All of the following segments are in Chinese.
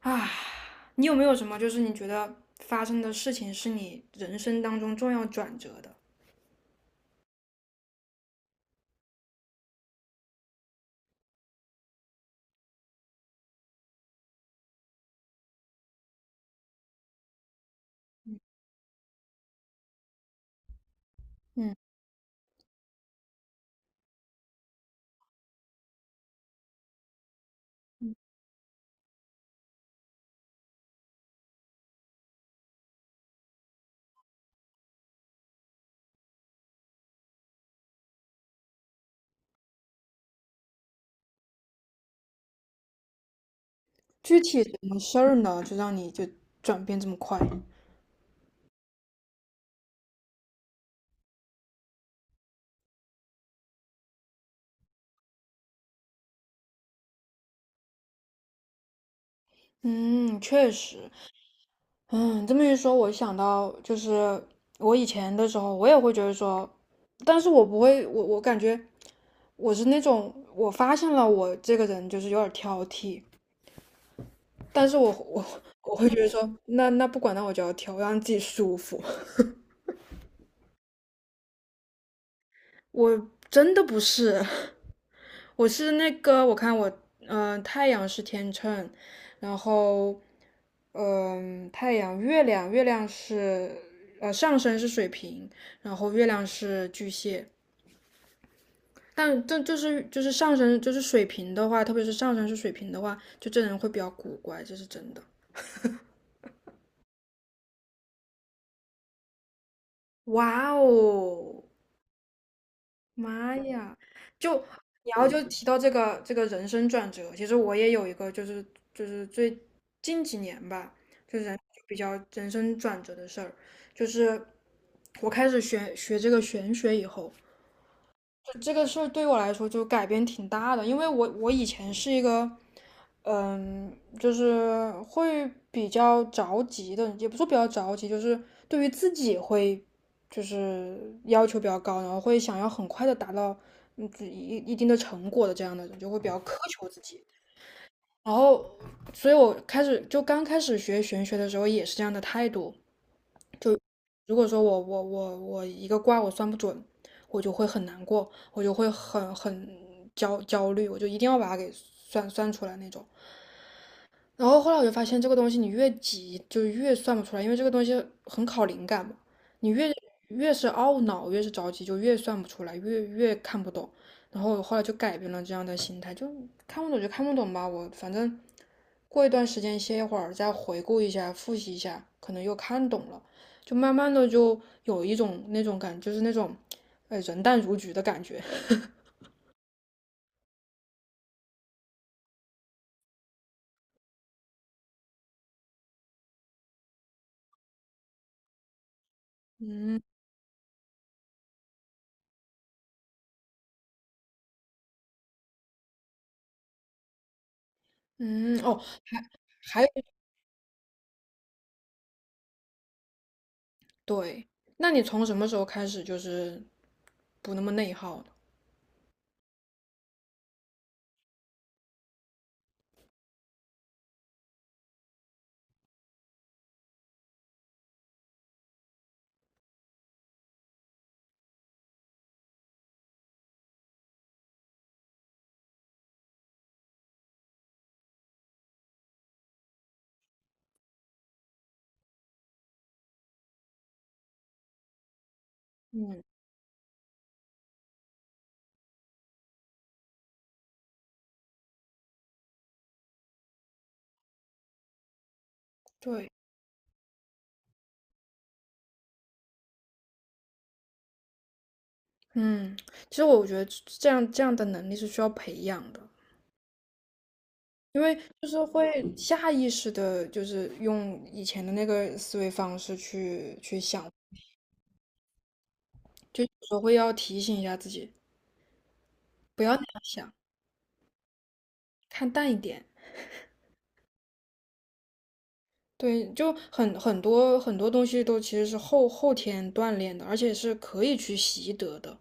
啊，你有没有什么就是你觉得发生的事情是你人生当中重要转折的？嗯，具体什么事儿呢？就让你就转变这么快？嗯，确实。嗯，这么一说，我想到就是我以前的时候，我也会觉得说，但是我不会，我感觉我是那种，我发现了我这个人就是有点挑剔，但是我我会觉得说，那不管，那我就要挑，我让自己舒服。我真的不是，我是那个，我看我，太阳是天秤，然后，嗯、太阳、月亮，月亮是，上升是水瓶，然后月亮是巨蟹。但这就是上升就是水瓶的话，特别是上升是水瓶的话，就这人会比较古怪，这是真的。哇哦！妈呀！就你要就提到这个这个人生转折，其实我也有一个，就是最近几年吧，就是人比较人生转折的事儿，就是我开始学学这个玄学以后。这个事儿对我来说就改变挺大的，因为我以前是一个，嗯，就是会比较着急的，也不说比较着急，就是对于自己会就是要求比较高，然后会想要很快的达到嗯自己一定的成果的这样的人，就会比较苛求自己。然后，所以我开始就刚开始学玄学的时候也是这样的态度，如果说我一个卦我算不准，我就会很难过，我就会很很焦虑，我就一定要把它给算出来那种。然后后来我就发现，这个东西你越急就越算不出来，因为这个东西很考灵感嘛。你越越是懊恼，越是着急，就越算不出来，越看不懂。然后我后来就改变了这样的心态，就看不懂就看不懂吧，我反正过一段时间歇一会儿，再回顾一下，复习一下，可能又看懂了，就慢慢的就有一种那种感，就是那种人淡如菊的感觉。嗯，哦，还。还对，那你从什么时候开始就是不那么内耗呢？嗯，对。嗯，其实我觉得这样的能力是需要培养的，因为就是会下意识的，就是用以前的那个思维方式去想，就有时候会要提醒一下自己，不要那样想，看淡一点。对，就很很多东西都其实是后天锻炼的，而且是可以去习得的。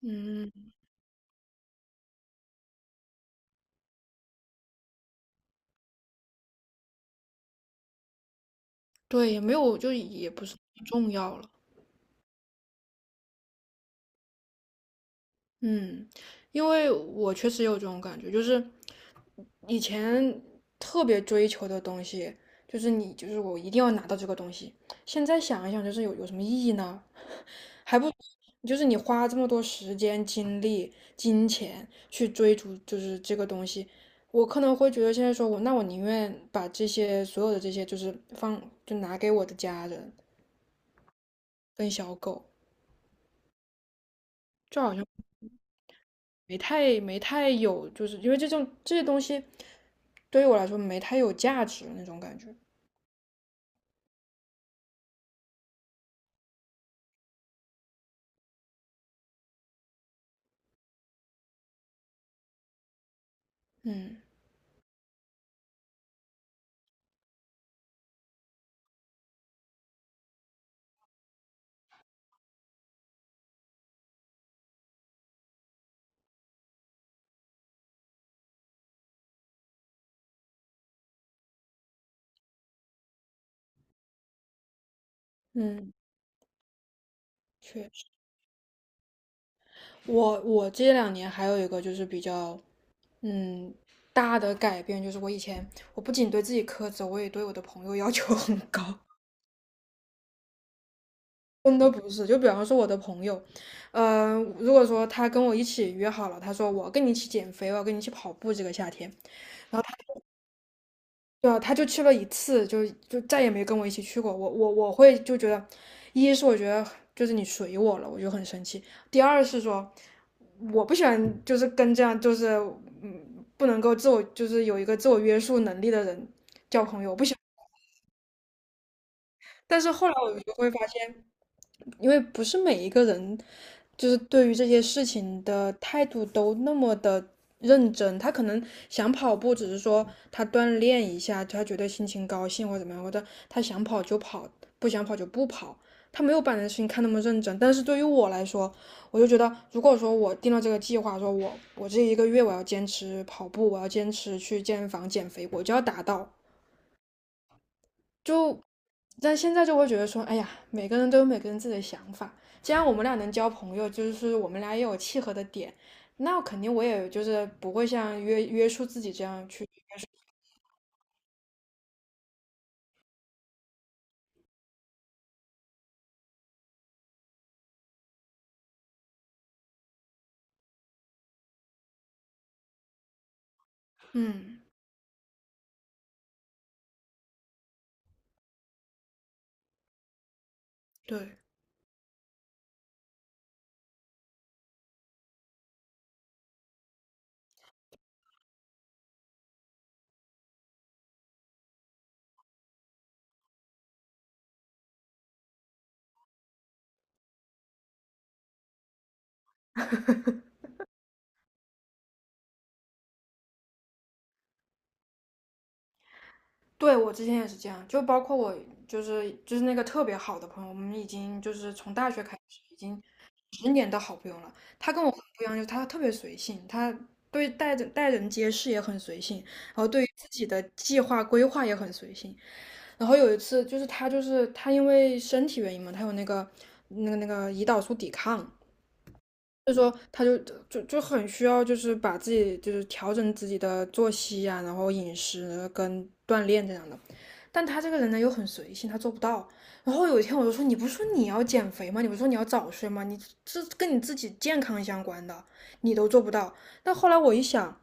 嗯，对，也没有，就也不是很重要了。嗯，因为我确实有这种感觉，就是以前特别追求的东西，就是你就是我一定要拿到这个东西。现在想一想，就是有什么意义呢？还不就是你花这么多时间、精力、金钱去追逐，就是这个东西，我可能会觉得现在说我，那我宁愿把这些所有的这些，就是放，就拿给我的家人跟小狗，就好像没太有，就是因为这种这些东西。对于我来说没太有价值那种感觉。嗯嗯，确实，我这两年还有一个就是比较嗯大的改变，就是我以前我不仅对自己苛责，我也对我的朋友要求很高。真的不是，就比方说我的朋友，嗯、如果说他跟我一起约好了，他说我要跟你一起减肥，我要跟你一起跑步这个夏天，然后他。对啊，他就去了一次，就再也没跟我一起去过。我会就觉得，一是我觉得就是你随我了，我就很生气；第二是说我不喜欢就是跟这样就是嗯不能够自我就是有一个自我约束能力的人。但是后来我就会发现。因为不是每一个人就是对于这些事情的态度都那么的认真，他可能想跑步，只是说他锻炼一下，他觉得心情高兴或者怎么样，或者他想跑就跑，不想跑就不跑。他没有把这件事情看那么认真，但是对于我来说，我就觉得，如果说我定了这个计划，说我这一个月我要坚持跑步，我要坚持去健身房减肥，我就要达到。就，但现在就会觉得说，哎呀，每个人都有每个人自己的想法。既然我们俩能交朋友，就是我们俩也有契合的点，那肯定我也就是不会像约束自己这样去。嗯，对，对我之前也是这样，就包括我就是那个特别好的朋友，我们已经就是从大学开始已经十年的好朋友了。他跟我很不一样，就是他特别随性，他对待人待人接事也很随性，然后对于自己的计划规划也很随性。然后有一次就是他因为身体原因嘛，他有那个那个胰岛素抵抗，所以说他就就很需要就是把自己就是调整自己的作息啊，然后饮食跟锻炼这样的。但他这个人呢又很随性，他做不到。然后有一天我就说，你不是说你要减肥吗？你不是说你要早睡吗？你这跟你自己健康相关的，你都做不到。但后来我一想，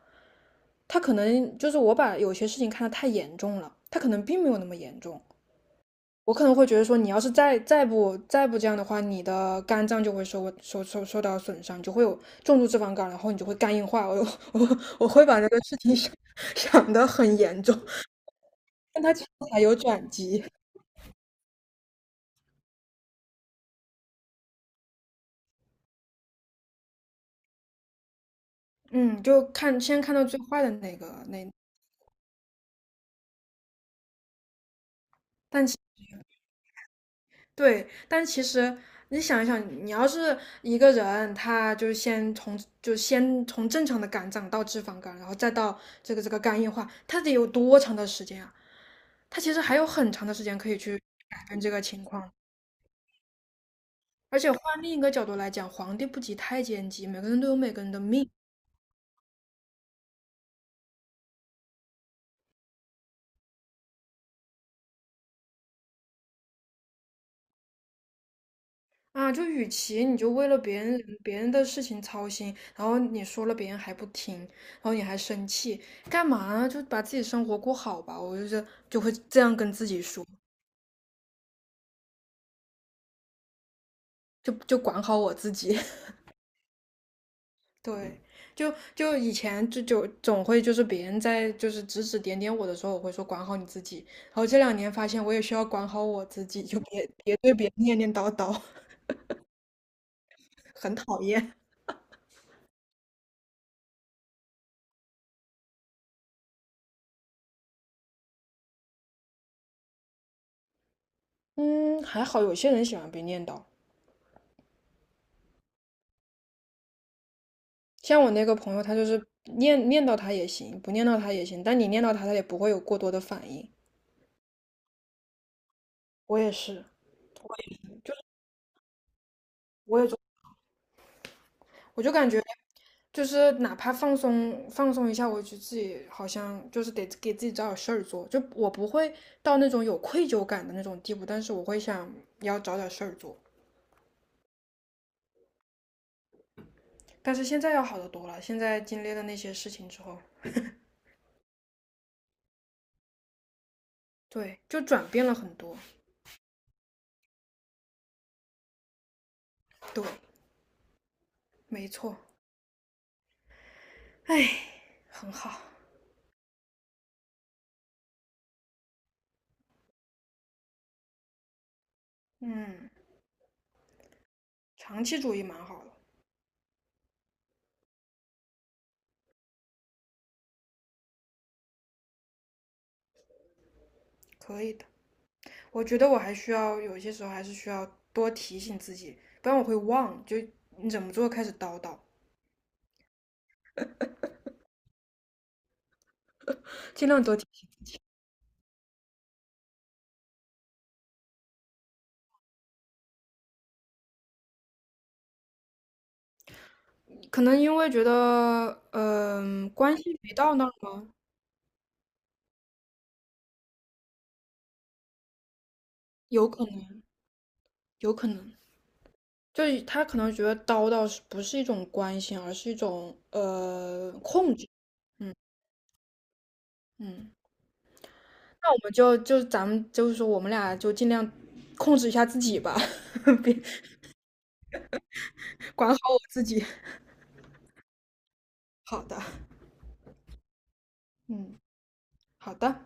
他可能就是我把有些事情看得太严重了，他可能并没有那么严重。我可能会觉得说，你要是再不这样的话，你的肝脏就会受到损伤，你就会有重度脂肪肝，然后你就会肝硬化。我我会把这个事情想想得很严重，但它其实还有转机。嗯，就看先看到最坏的那个那，但对，但其实你想一想，你要是一个人，他就是先从正常的肝脏到脂肪肝，然后再到这个这个肝硬化，他得有多长的时间啊？他其实还有很长的时间可以去改变这个情况。而且换另一个角度来讲，皇帝不急太监急，每个人都有每个人的命。啊，就与其你就为了别人的事情操心，然后你说了别人还不听，然后你还生气，干嘛呢？就把自己生活过好吧。我就是就会这样跟自己说，就管好我自己。对，就就以前就就总会就是别人在就是指指点点我的时候，我会说管好你自己。然后这两年发现我也需要管好我自己，就别对别人念念叨叨，很讨厌。嗯，还好有些人喜欢被念叨。像我那个朋友，他就是念念叨他也行，不念叨他也行，但你念叨他，他也不会有过多的反应。我也是，我也就我就感觉就是哪怕放松放松一下，我就自己好像就是得给自己找点事儿做，就我不会到那种有愧疚感的那种地步，但是我会想要找点事儿做。但是现在要好得多了，现在经历了那些事情之后，对，就转变了很多。对，没错，哎，很好，嗯，长期主义蛮好的，可以的。我觉得我还需要有些时候还是需要多提醒自己，不然我会忘，就你怎么做开始叨叨。尽量多提醒。可能因为觉得，关系没到那儿吗？有可能，有可能，就是他可能觉得叨叨是不是一种关心，而是一种控制。嗯，那我们就就咱们就是说，我们俩就尽量控制一下自己吧，别管好我自己。好的，嗯，好的。